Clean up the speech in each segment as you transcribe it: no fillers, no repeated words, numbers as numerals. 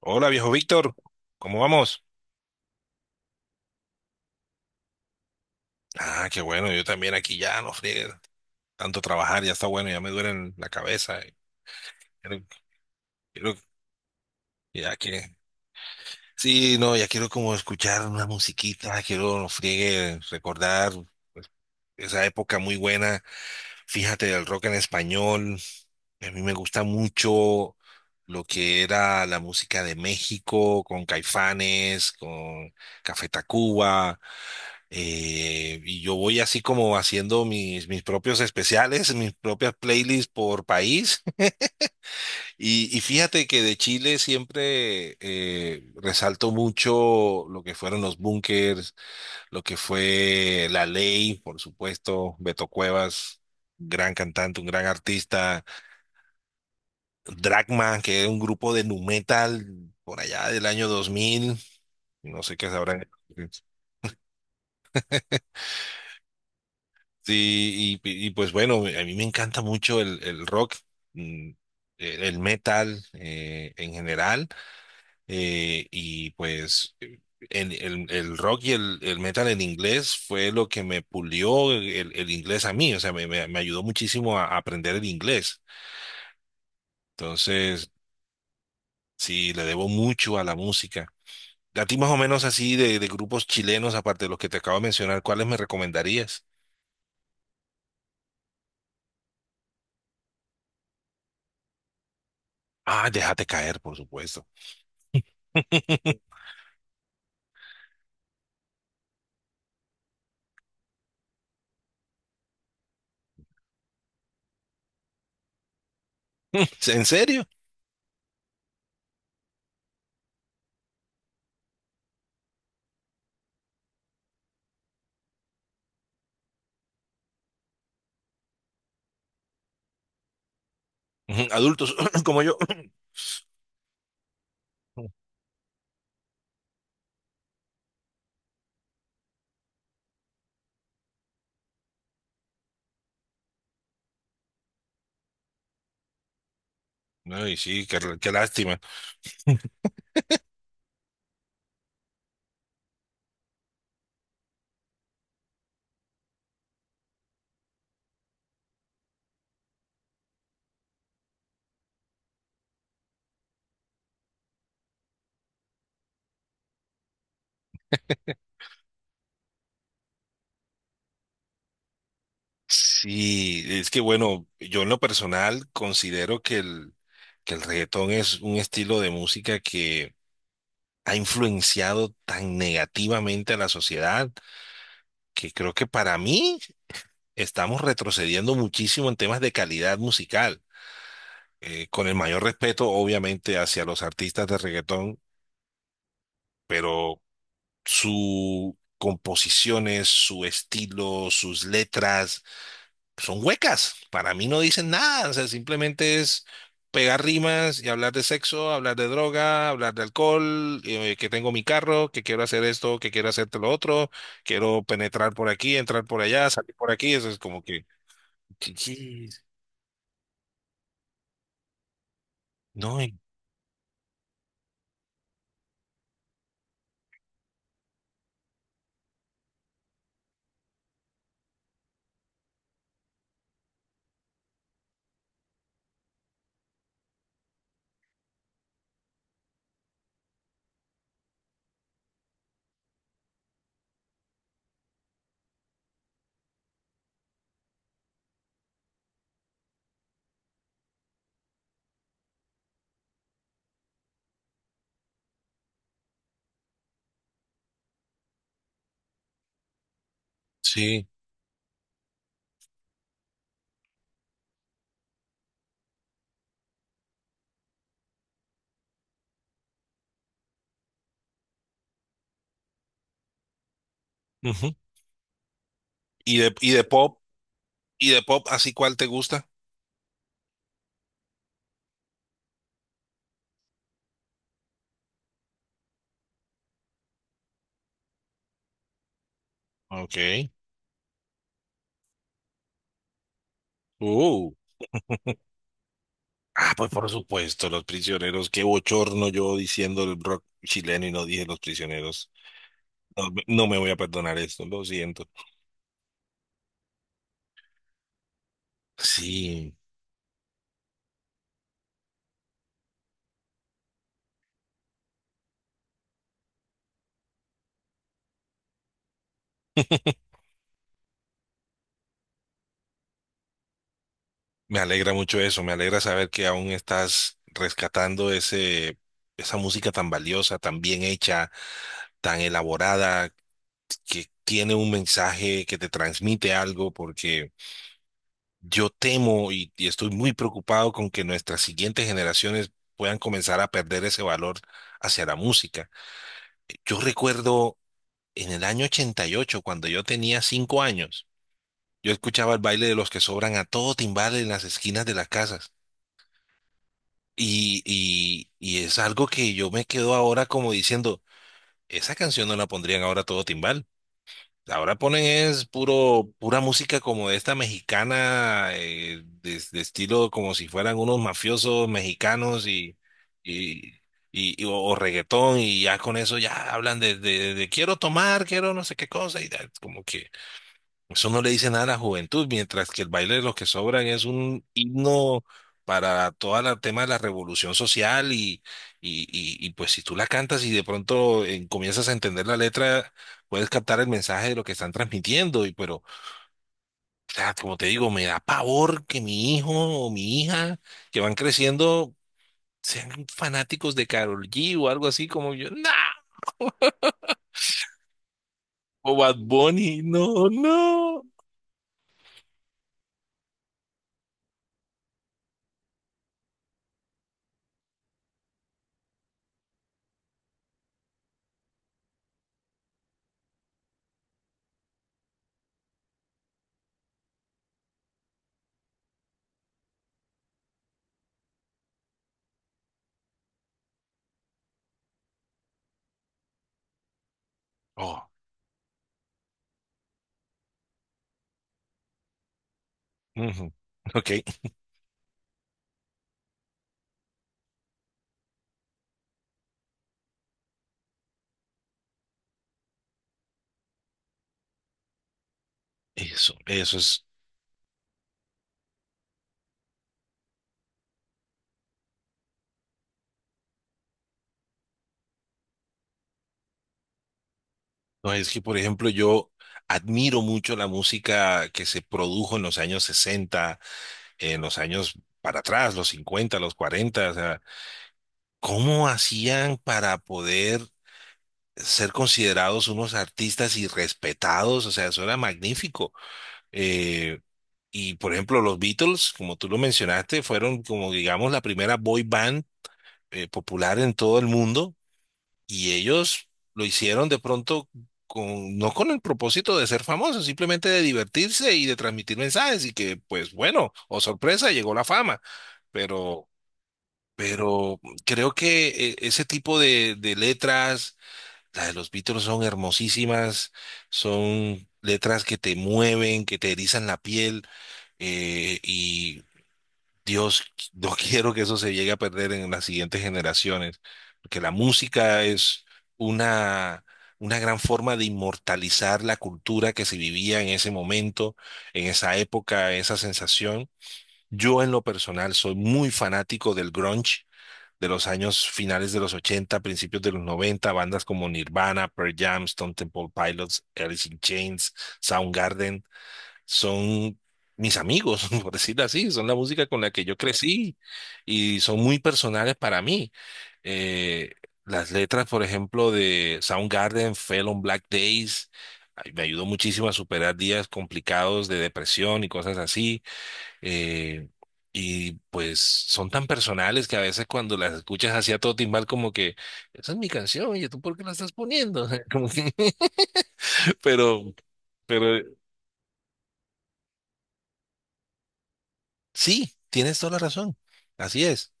Hola, viejo Víctor, ¿cómo vamos? Ah, qué bueno, yo también aquí ya, no friegue, tanto trabajar, ya está bueno, ya me duele la cabeza. Quiero, quiero- ya que, sí, no, ya quiero como escuchar una musiquita, quiero, no friegue, recordar pues, esa época muy buena. Fíjate, del rock en español, a mí me gusta mucho lo que era la música de México, con Caifanes, con Café Tacuba, y yo voy así como haciendo mis propios especiales, mis propias playlists por país. Y fíjate que de Chile siempre resalto mucho lo que fueron los bunkers, lo que fue La Ley, por supuesto, Beto Cuevas, gran cantante, un gran artista, Dragma, que es un grupo de nu metal por allá del año 2000, no sé qué sabrán. Sí, y pues bueno, a mí me encanta mucho el rock, mm, el metal en general. Y pues el rock y el metal en inglés fue lo que me pulió el inglés a mí, o sea, me ayudó muchísimo aprender el inglés. Entonces, sí, le debo mucho a la música. A ti más o menos así de grupos chilenos, aparte de los que te acabo de mencionar, ¿cuáles me recomendarías? Ah, Déjate caer, por supuesto. ¿En serio? Ujú, adultos como yo. Ay, sí, qué lástima. Sí, es que bueno, yo en lo personal considero que el reggaetón es un estilo de música que ha influenciado tan negativamente a la sociedad que creo que para mí estamos retrocediendo muchísimo en temas de calidad musical. Con el mayor respeto, obviamente, hacia los artistas de reggaetón, pero su composiciones, su estilo, sus letras son huecas. Para mí no dicen nada, o sea, simplemente es pegar rimas y hablar de sexo, hablar de droga, hablar de alcohol, que tengo mi carro, que quiero hacer esto, que quiero hacerte lo otro, quiero penetrar por aquí, entrar por allá, salir por aquí, eso es como que. ¿Qué es? No, sí. Ujú. Y de pop, y de pop, ¿así cuál te gusta? Ok. Uh. Ah, pues por supuesto, Los Prisioneros. Qué bochorno yo diciendo el rock chileno y no dije Los Prisioneros. No, me no me voy a perdonar esto, lo siento. Sí, me alegra mucho eso, me alegra saber que aún estás rescatando esa música tan valiosa, tan bien hecha, tan elaborada, que tiene un mensaje que te transmite algo, porque yo temo y estoy muy preocupado con que nuestras siguientes generaciones puedan comenzar a perder ese valor hacia la música. Yo recuerdo en el año 88 cuando yo tenía 5 años. Yo escuchaba el baile de los que sobran a todo timbal en las esquinas de las casas. Y es algo que yo me quedo ahora como diciendo, esa canción no la pondrían ahora a todo timbal. Ahora ponen es pura música como de esta mexicana, de estilo como si fueran unos mafiosos mexicanos y, o reggaetón y ya con eso ya hablan de quiero tomar, quiero no sé qué cosa y como que. Eso no le dice nada a la juventud, mientras que el baile de los que sobran es un himno para todo el tema de la revolución social y, pues si tú la cantas y de pronto comienzas a entender la letra, puedes captar el mensaje de lo que están transmitiendo. Y pero, o sea, como te digo, me da pavor que mi hijo o mi hija que van creciendo sean fanáticos de Karol G o algo así como yo, no, o Bad Bunny, no, no. Oh, ujú, ok. Eso es. No, es que, por ejemplo, yo admiro mucho la música que se produjo en los años 60 en los años para atrás, los 50 los 40, o sea, ¿cómo hacían para poder ser considerados unos artistas y respetados? O sea, eso era magnífico. Eh, y, por ejemplo, los Beatles, como tú lo mencionaste, fueron como, digamos, la primera boy band popular en todo el mundo. Y ellos lo hicieron de pronto con, no con el propósito de ser famosos, simplemente de divertirse y de transmitir mensajes y que, pues bueno, o sorpresa, llegó la fama. Pero, pero creo que ese tipo de letras, las de los Beatles son hermosísimas, son letras que te mueven, que te erizan la piel. eh, Dios, no quiero que eso se llegue a perder en las siguientes generaciones, porque la música es una, una gran forma de inmortalizar la cultura que se vivía en ese momento, en esa época, esa sensación. Yo en lo personal soy muy fanático del grunge de los años finales de los 80, principios de los 90, bandas como Nirvana, Pearl Jam, Stone Temple Pilots, Alice in Chains, Soundgarden son mis amigos, por decirlo así, son la música con la que yo crecí y son muy personales para mí. Eh, las letras, por ejemplo, de Soundgarden, Fell on Black Days, ay, me ayudó muchísimo a superar días complicados de depresión y cosas así. Eh, y pues son tan personales que a veces cuando las escuchas así a todo timbal como que, esa es mi canción, oye, ¿tú por qué la estás poniendo? Como que, pero. Pero sí, tienes toda la razón. Así es.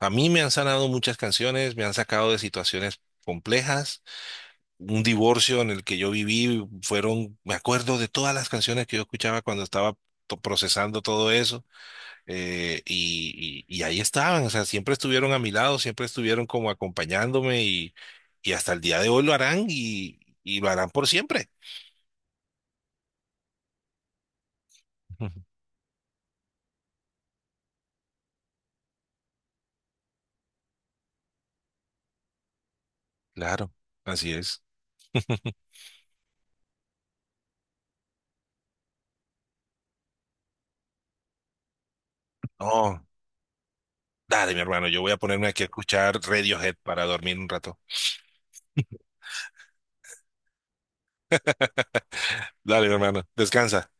A mí me han sanado muchas canciones, me han sacado de situaciones complejas. Un divorcio en el que yo viví fueron, me acuerdo de todas las canciones que yo escuchaba cuando estaba procesando todo eso. Y ahí estaban, o sea, siempre estuvieron a mi lado, siempre estuvieron como acompañándome y hasta el día de hoy lo harán y lo harán por siempre. Ujú. Claro, así es. Oh, dale, mi hermano, yo voy a ponerme aquí a escuchar Radiohead para dormir un rato. Dale, hermano, descansa.